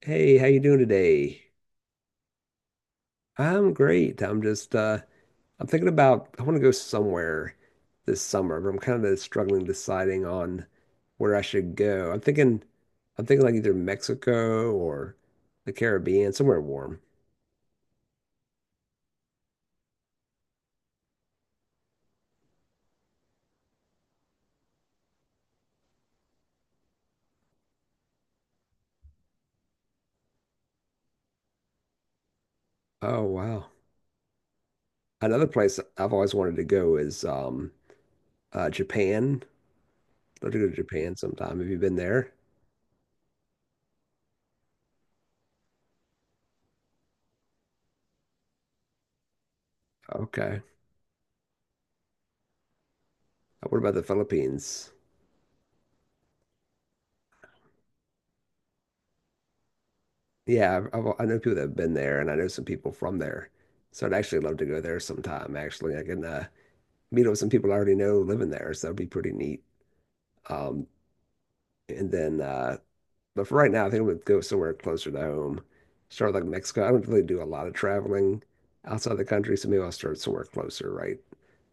Hey, how you doing today? I'm great. I'm just I'm thinking about I want to go somewhere this summer, but I'm kind of struggling deciding on where I should go. I'm thinking like either Mexico or the Caribbean, somewhere warm. Oh, wow. Another place I've always wanted to go is Japan. I'd love to go to Japan sometime. Have you been there? Okay. What about the Philippines? Yeah, I know people that have been there, and I know some people from there. So I'd actually love to go there sometime. Actually, I can meet up with some people I already know living there, so that'd be pretty neat. Um, and then, but for right now, I think I'm gonna go somewhere closer to home. Start like Mexico. I don't really do a lot of traveling outside the country, so maybe I'll start somewhere closer, right?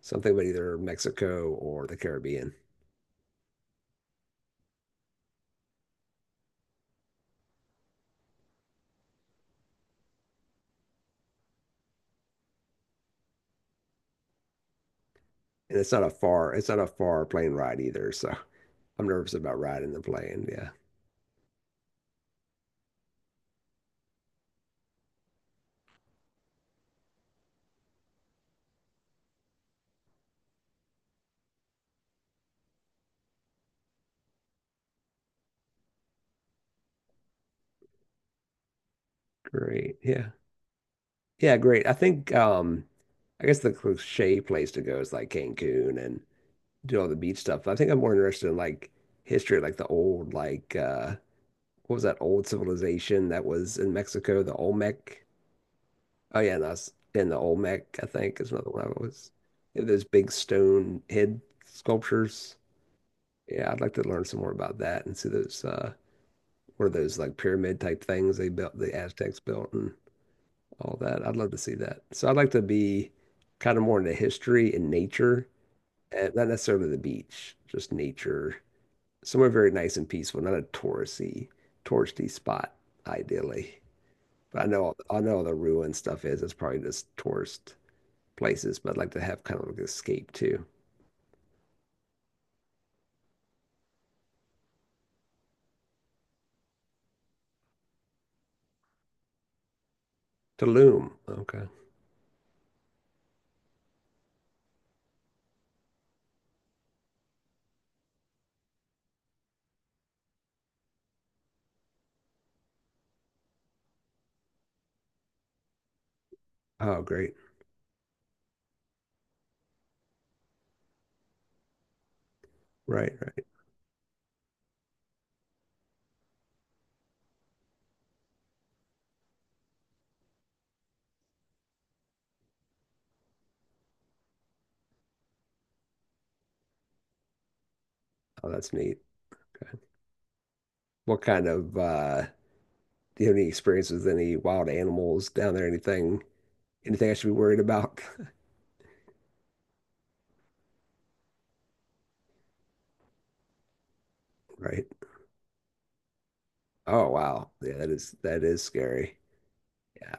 Something about either Mexico or the Caribbean. And it's not a far plane ride either, so I'm nervous about riding the plane. Yeah, great. Yeah. Yeah, great. I think I guess the cliche place to go is like Cancun and do all the beach stuff. But I think I'm more interested in like history, like the old like what was that old civilization that was in Mexico, the Olmec? Oh yeah, and that's in the Olmec, I think is another one I was. Yeah, those big stone head sculptures. Yeah, I'd like to learn some more about that and see those what are those like pyramid type things they built the Aztecs built and all that. I'd love to see that. So I'd like to be kind of more into history and nature, and not necessarily the beach, just nature, somewhere very nice and peaceful, not touristy spot, ideally. But I know all the ruin stuff is. It's probably just tourist places, but I'd like to have kind of like an escape too. Tulum. Okay. Oh, great. Right, right. Oh, that's neat. Okay. What kind of do you have any experience with any wild animals down there? Anything I should be worried about? Right. Oh wow. Yeah, that is scary. Yeah.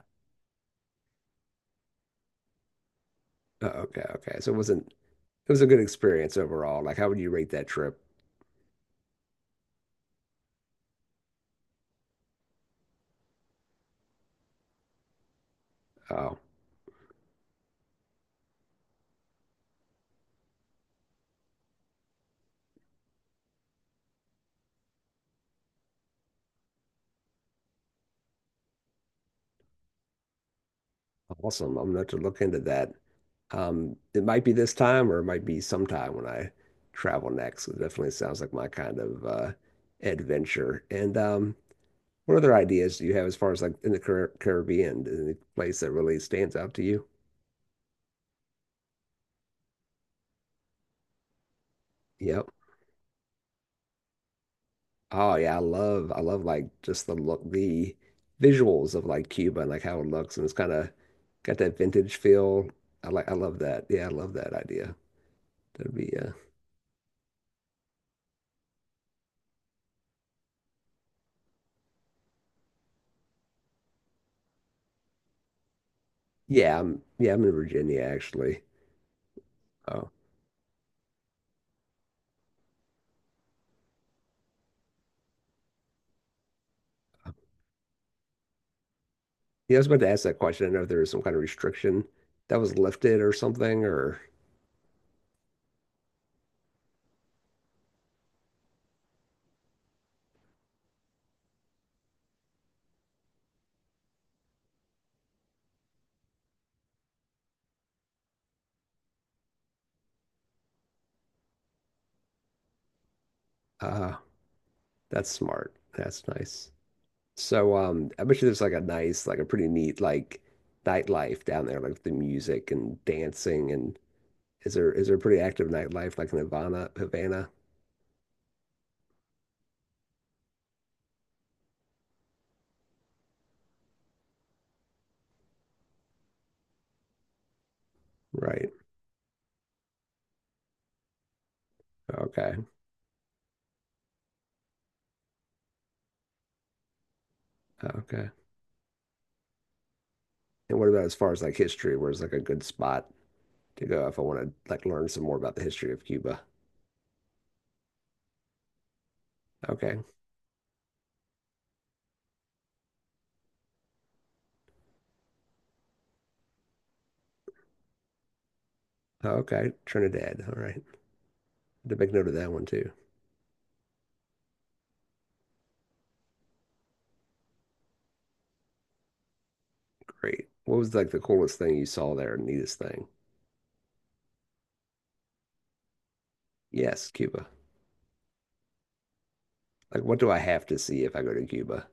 Oh, okay, okay. So it wasn't it was a good experience overall. Like how would you rate that trip? Oh, awesome. I'm gonna have to look into that. It might be this time or it might be sometime when I travel next. It definitely sounds like my kind of adventure. And what other ideas do you have as far as like in the Caribbean, any place that really stands out to you? Yep. Oh yeah, I love like just the look, the visuals of like Cuba and like how it looks and it's kind of got that vintage feel. I love that. Yeah, I love that idea. That'd be yeah, I'm in Virginia actually. Oh. Yeah, I was about to ask that question. I know if there was some kind of restriction that was lifted or something or uh that's smart. That's nice. So I bet you there's like a nice, like a pretty neat like nightlife down there, like the music and dancing and is there a pretty active nightlife like in Havana? Right. Okay. Okay. And what about as far as like history? Where's like a good spot to go if I want to like learn some more about the history of Cuba? Okay. Okay. Trinidad. All right. To make note of that one too. Great. What was like the coolest thing you saw there, neatest thing? Yes, Cuba. Like what do I have to see if I go to Cuba?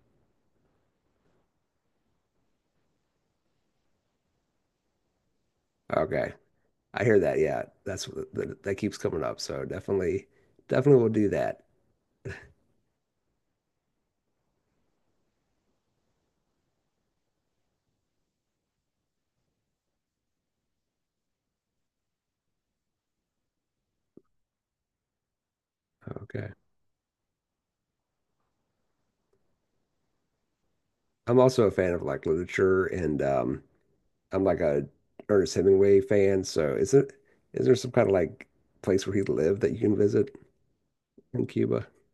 Okay. I hear that. Yeah, that, that keeps coming up. So definitely, definitely will do that. Okay. I'm also a fan of like literature, and I'm like a Ernest Hemingway fan. So is it is there some kind of like place where he lived that you can visit in Cuba?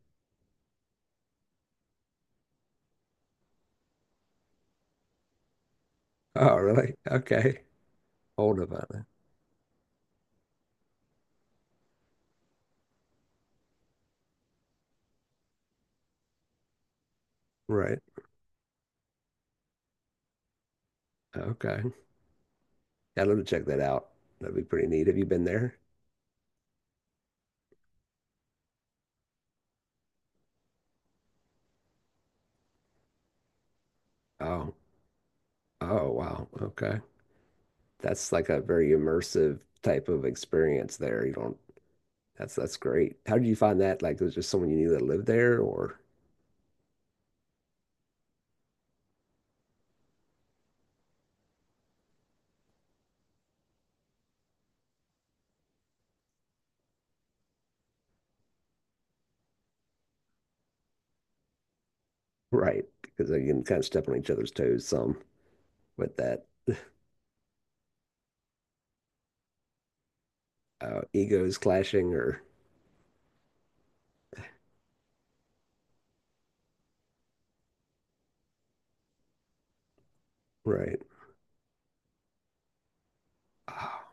Oh, really? Okay. Old about it. Right. Okay. I'd love to check that out. That'd be pretty neat. Have you been there? Oh. Oh, wow. Okay. That's like a very immersive type of experience there. You don't that's great. How did you find that? Like, was just someone you knew that lived there, or right? Because you can kind of step on each other's toes some with that egos clashing, or right? Ah,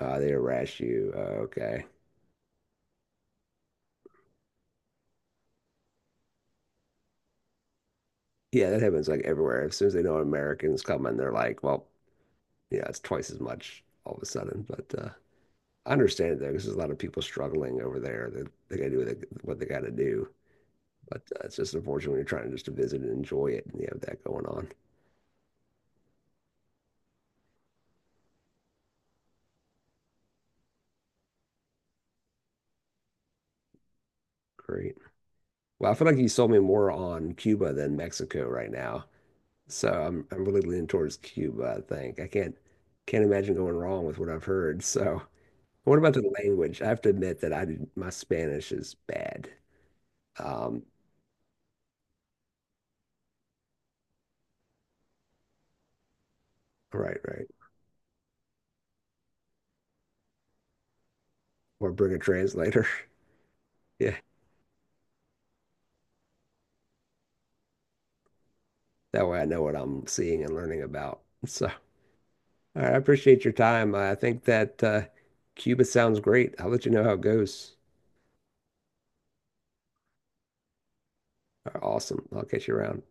ah, they harass you. Okay, yeah, that happens like everywhere. As soon as they know Americans come and they're like, well, yeah, it's twice as much all of a sudden. But I understand it though, because there's a lot of people struggling over there. That they got to do what what they got to do. But it's just unfortunate when you're trying just to visit and enjoy it, and you have that going on. Great. Well, I feel like you sold me more on Cuba than Mexico right now. So I'm really leaning towards Cuba, I think. I can't imagine going wrong with what I've heard. So what about the language? I have to admit that I did, my Spanish is bad. Um, right, right. Or bring a translator. Yeah. That way I know what I'm seeing and learning about. So all right, I appreciate your time. I think that Cuba sounds great. I'll let you know how it goes. Awesome. I'll catch you around.